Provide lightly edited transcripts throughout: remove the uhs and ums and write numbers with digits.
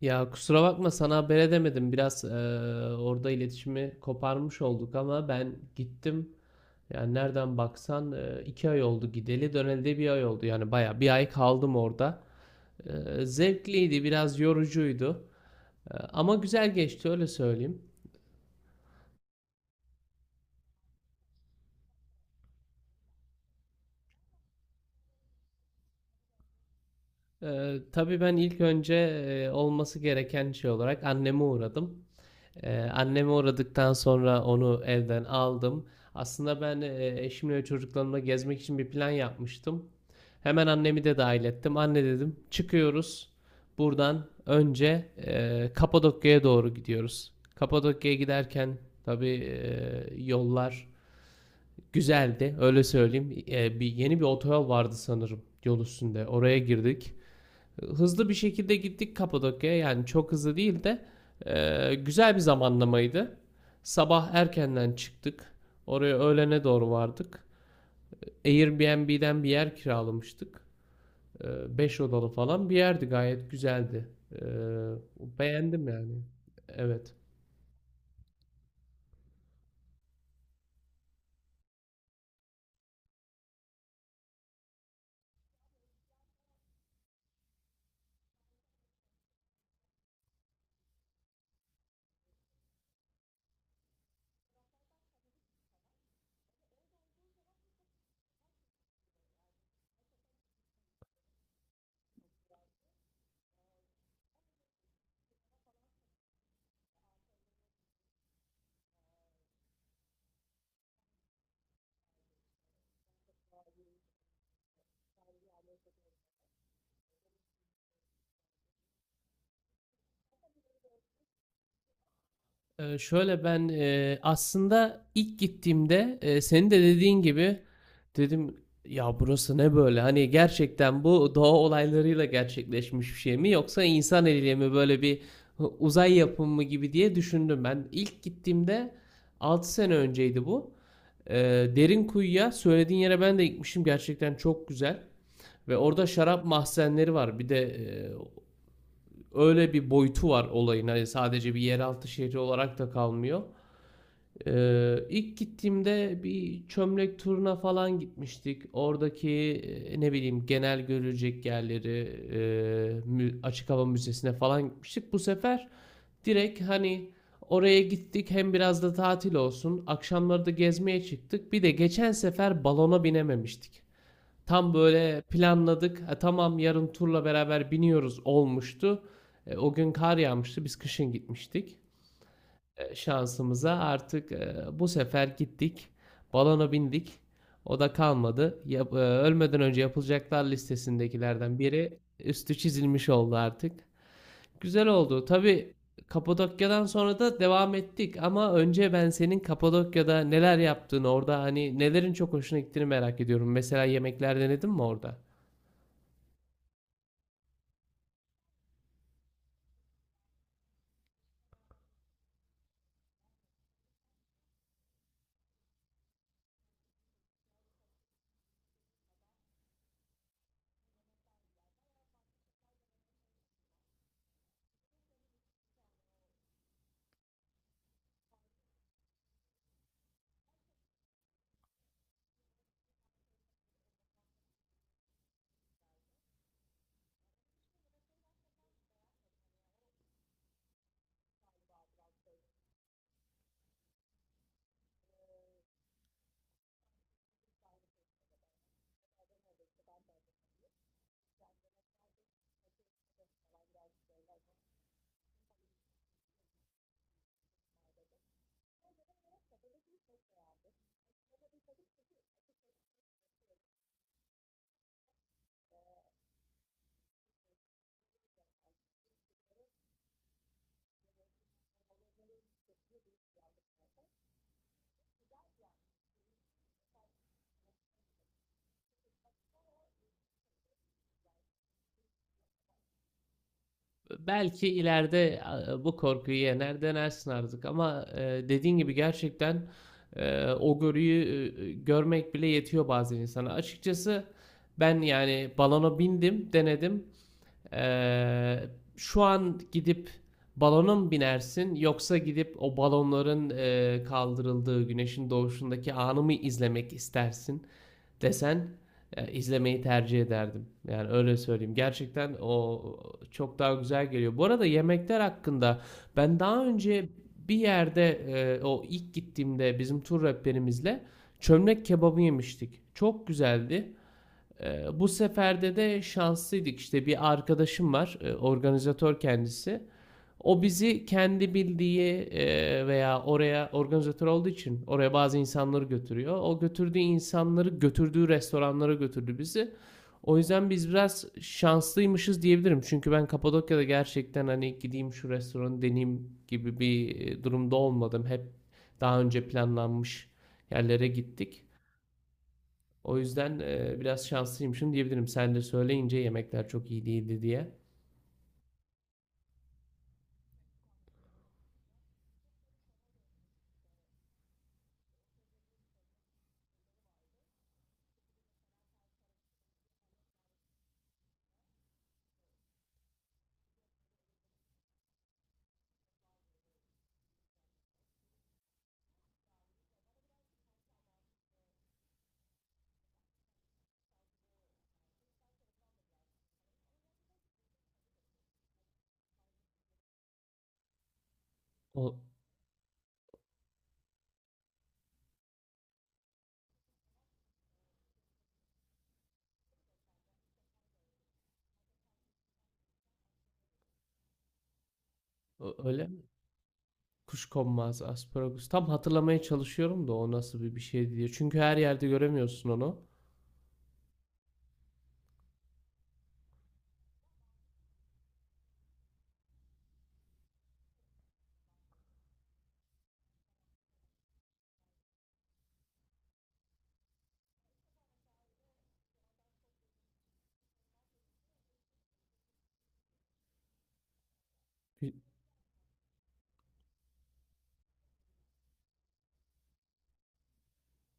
Ya kusura bakma sana haber edemedim. Biraz orada iletişimi koparmış olduk ama ben gittim. Yani nereden baksan iki ay oldu gideli, döneli de bir ay oldu. Yani baya bir ay kaldım orada. Zevkliydi, biraz yorucuydu. Ama güzel geçti öyle söyleyeyim. Tabii ben ilk önce olması gereken şey olarak anneme uğradım. Anneme uğradıktan sonra onu evden aldım. Aslında ben eşimle ve çocuklarımla gezmek için bir plan yapmıştım. Hemen annemi de dahil ettim. Anne dedim, çıkıyoruz. Buradan önce Kapadokya'ya doğru gidiyoruz. Kapadokya'ya giderken tabii yollar güzeldi, öyle söyleyeyim. Bir yeni bir otoyol vardı sanırım yol üstünde. Oraya girdik. Hızlı bir şekilde gittik Kapadokya'ya. Yani çok hızlı değil de güzel bir zamanlamaydı. Sabah erkenden çıktık. Oraya öğlene doğru vardık. Airbnb'den bir yer kiralamıştık. Beş odalı falan bir yerdi, gayet güzeldi. Beğendim yani. Evet. Şöyle ben aslında ilk gittiğimde senin de dediğin gibi dedim ya, burası ne böyle? Hani gerçekten bu doğa olaylarıyla gerçekleşmiş bir şey mi, yoksa insan eliyle mi böyle bir uzay yapımı gibi diye düşündüm. Ben ilk gittiğimde 6 sene önceydi bu. Ee, derin kuyuya söylediğin yere ben de gitmişim. Gerçekten çok güzel. Ve orada şarap mahzenleri var. Bir de öyle bir boyutu var olayın. Hani sadece bir yeraltı şehri olarak da kalmıyor. İlk gittiğimde bir çömlek turuna falan gitmiştik. Oradaki ne bileyim genel görülecek yerleri, açık hava müzesine falan gitmiştik. Bu sefer direkt hani oraya gittik, hem biraz da tatil olsun. Akşamları da gezmeye çıktık. Bir de geçen sefer balona binememiştik. Tam böyle planladık. "Ha, tamam yarın turla beraber biniyoruz" olmuştu. O gün kar yağmıştı. Biz kışın gitmiştik, şansımıza artık bu sefer gittik. Balona bindik. O da kalmadı. Ölmeden önce yapılacaklar listesindekilerden biri üstü çizilmiş oldu artık. Güzel oldu. Tabii Kapadokya'dan sonra da devam ettik, ama önce ben senin Kapadokya'da neler yaptığını, orada hani nelerin çok hoşuna gittiğini merak ediyorum. Mesela yemekler denedin mi orada? Belki ileride bu korkuyu yener denersin artık, ama dediğin gibi gerçekten o görüyü görmek bile yetiyor bazen insana. Açıkçası ben yani balona bindim, denedim. E, şu an gidip balona mı binersin, yoksa gidip o balonların kaldırıldığı güneşin doğuşundaki anı mı izlemek istersin? desen, izlemeyi tercih ederdim. Yani öyle söyleyeyim. Gerçekten o çok daha güzel geliyor. Bu arada yemekler hakkında ben daha önce bir yerde, o ilk gittiğimde bizim tur rehberimizle çömlek kebabı yemiştik. Çok güzeldi. Bu seferde de şanslıydık. İşte bir arkadaşım var, organizatör kendisi. O bizi kendi bildiği, veya oraya organizatör olduğu için oraya bazı insanları götürüyor. O götürdüğü insanları götürdüğü restoranlara götürdü bizi. O yüzden biz biraz şanslıymışız diyebilirim. Çünkü ben Kapadokya'da gerçekten hani gideyim şu restoranı deneyeyim gibi bir durumda olmadım. Hep daha önce planlanmış yerlere gittik. O yüzden, biraz şanslıymışım diyebilirim. Sen de söyleyince yemekler çok iyi değildi diye. O ö öyle mi? Kuşkonmaz, asparagus. Tam hatırlamaya çalışıyorum da o nasıl bir şey diye. Çünkü her yerde göremiyorsun onu.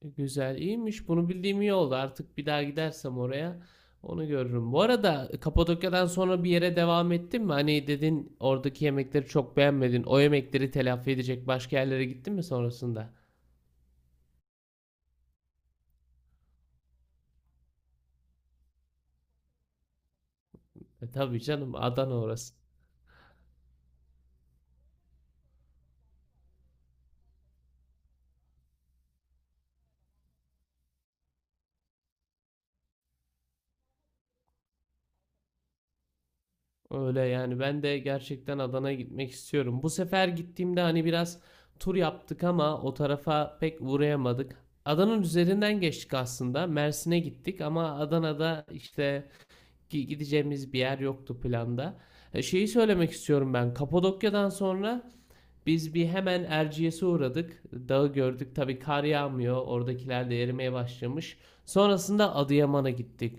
Güzel, iyiymiş. Bunu bildiğim iyi oldu. Artık bir daha gidersem oraya onu görürüm. Bu arada Kapadokya'dan sonra bir yere devam ettin mi? Hani dedin oradaki yemekleri çok beğenmedin. O yemekleri telafi edecek başka yerlere gittin mi sonrasında? E, tabii canım, Adana orası. Öyle yani ben de gerçekten Adana'ya gitmek istiyorum. Bu sefer gittiğimde hani biraz tur yaptık, ama o tarafa pek uğrayamadık. Adana'nın üzerinden geçtik aslında. Mersin'e gittik, ama Adana'da işte gideceğimiz bir yer yoktu planda. E, şeyi söylemek istiyorum ben. Kapadokya'dan sonra biz bir hemen Erciyes'e uğradık. Dağı gördük. Tabii kar yağmıyor. Oradakiler de erimeye başlamış. Sonrasında Adıyaman'a gittik.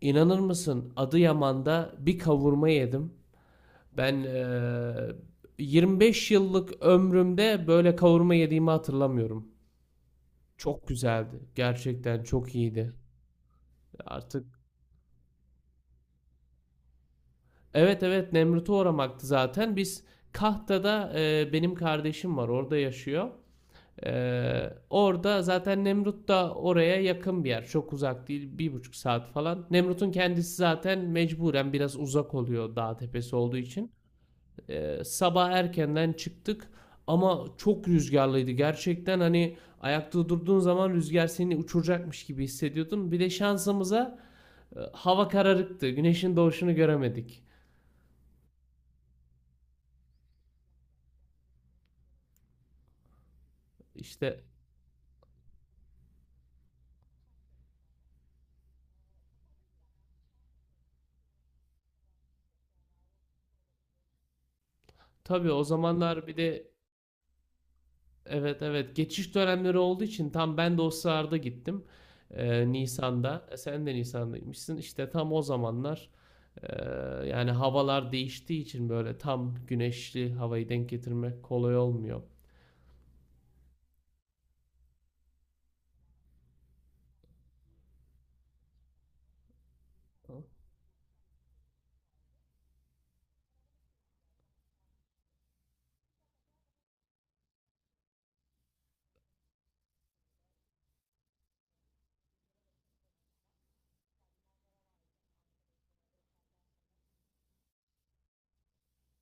İnanır mısın? Adıyaman'da bir kavurma yedim. Ben 25 yıllık ömrümde böyle kavurma yediğimi hatırlamıyorum. Çok güzeldi. Gerçekten çok iyiydi. Artık evet, evet Nemrut'u uğramaktı zaten. Biz Kahta'da, benim kardeşim var. Orada yaşıyor. Orada zaten Nemrut da oraya yakın bir yer. Çok uzak değil. Bir buçuk saat falan. Nemrut'un kendisi zaten mecburen biraz uzak oluyor dağ tepesi olduğu için. Sabah erkenden çıktık, ama çok rüzgarlıydı. Gerçekten hani ayakta durduğun zaman rüzgar seni uçuracakmış gibi hissediyordun. Bir de şansımıza hava kararıktı. Güneşin doğuşunu göremedik. İşte tabii o zamanlar bir de evet, evet geçiş dönemleri olduğu için tam ben de o sırada gittim. E, Nisan'da. E, sen de Nisan'daymışsın. İşte tam o zamanlar, e, yani havalar değiştiği için böyle tam güneşli havayı denk getirmek kolay olmuyor.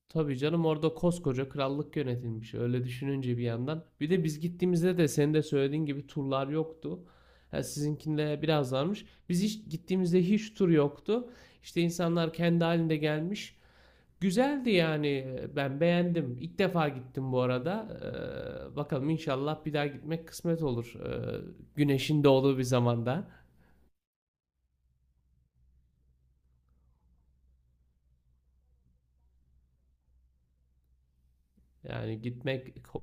Tabii canım orada koskoca krallık yönetilmiş. Öyle düşününce bir yandan. Bir de biz gittiğimizde de senin de söylediğin gibi turlar yoktu. Ha, sizinkinde biraz varmış. Biz hiç gittiğimizde hiç tur yoktu. İşte insanlar kendi halinde gelmiş. Güzeldi yani. Ben beğendim. İlk defa gittim bu arada. Bakalım inşallah bir daha gitmek kısmet olur. Güneşin doğduğu bir zamanda. Yani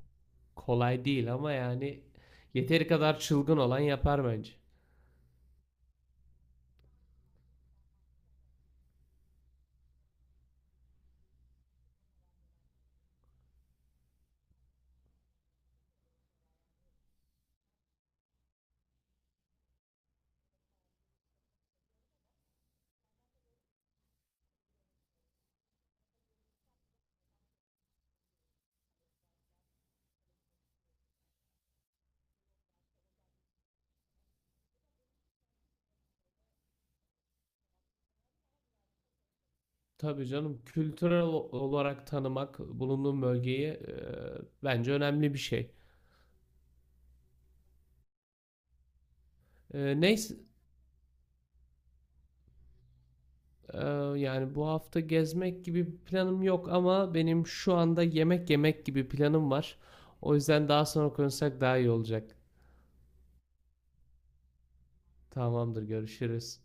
kolay değil, ama yani yeteri kadar çılgın olan yapar bence. Tabii canım kültürel olarak tanımak bulunduğum bölgeyi, bence önemli bir şey. E, neyse, e, yani bu hafta gezmek gibi bir planım yok, ama benim şu anda yemek yemek gibi planım var. O yüzden daha sonra konuşsak daha iyi olacak. Tamamdır, görüşürüz.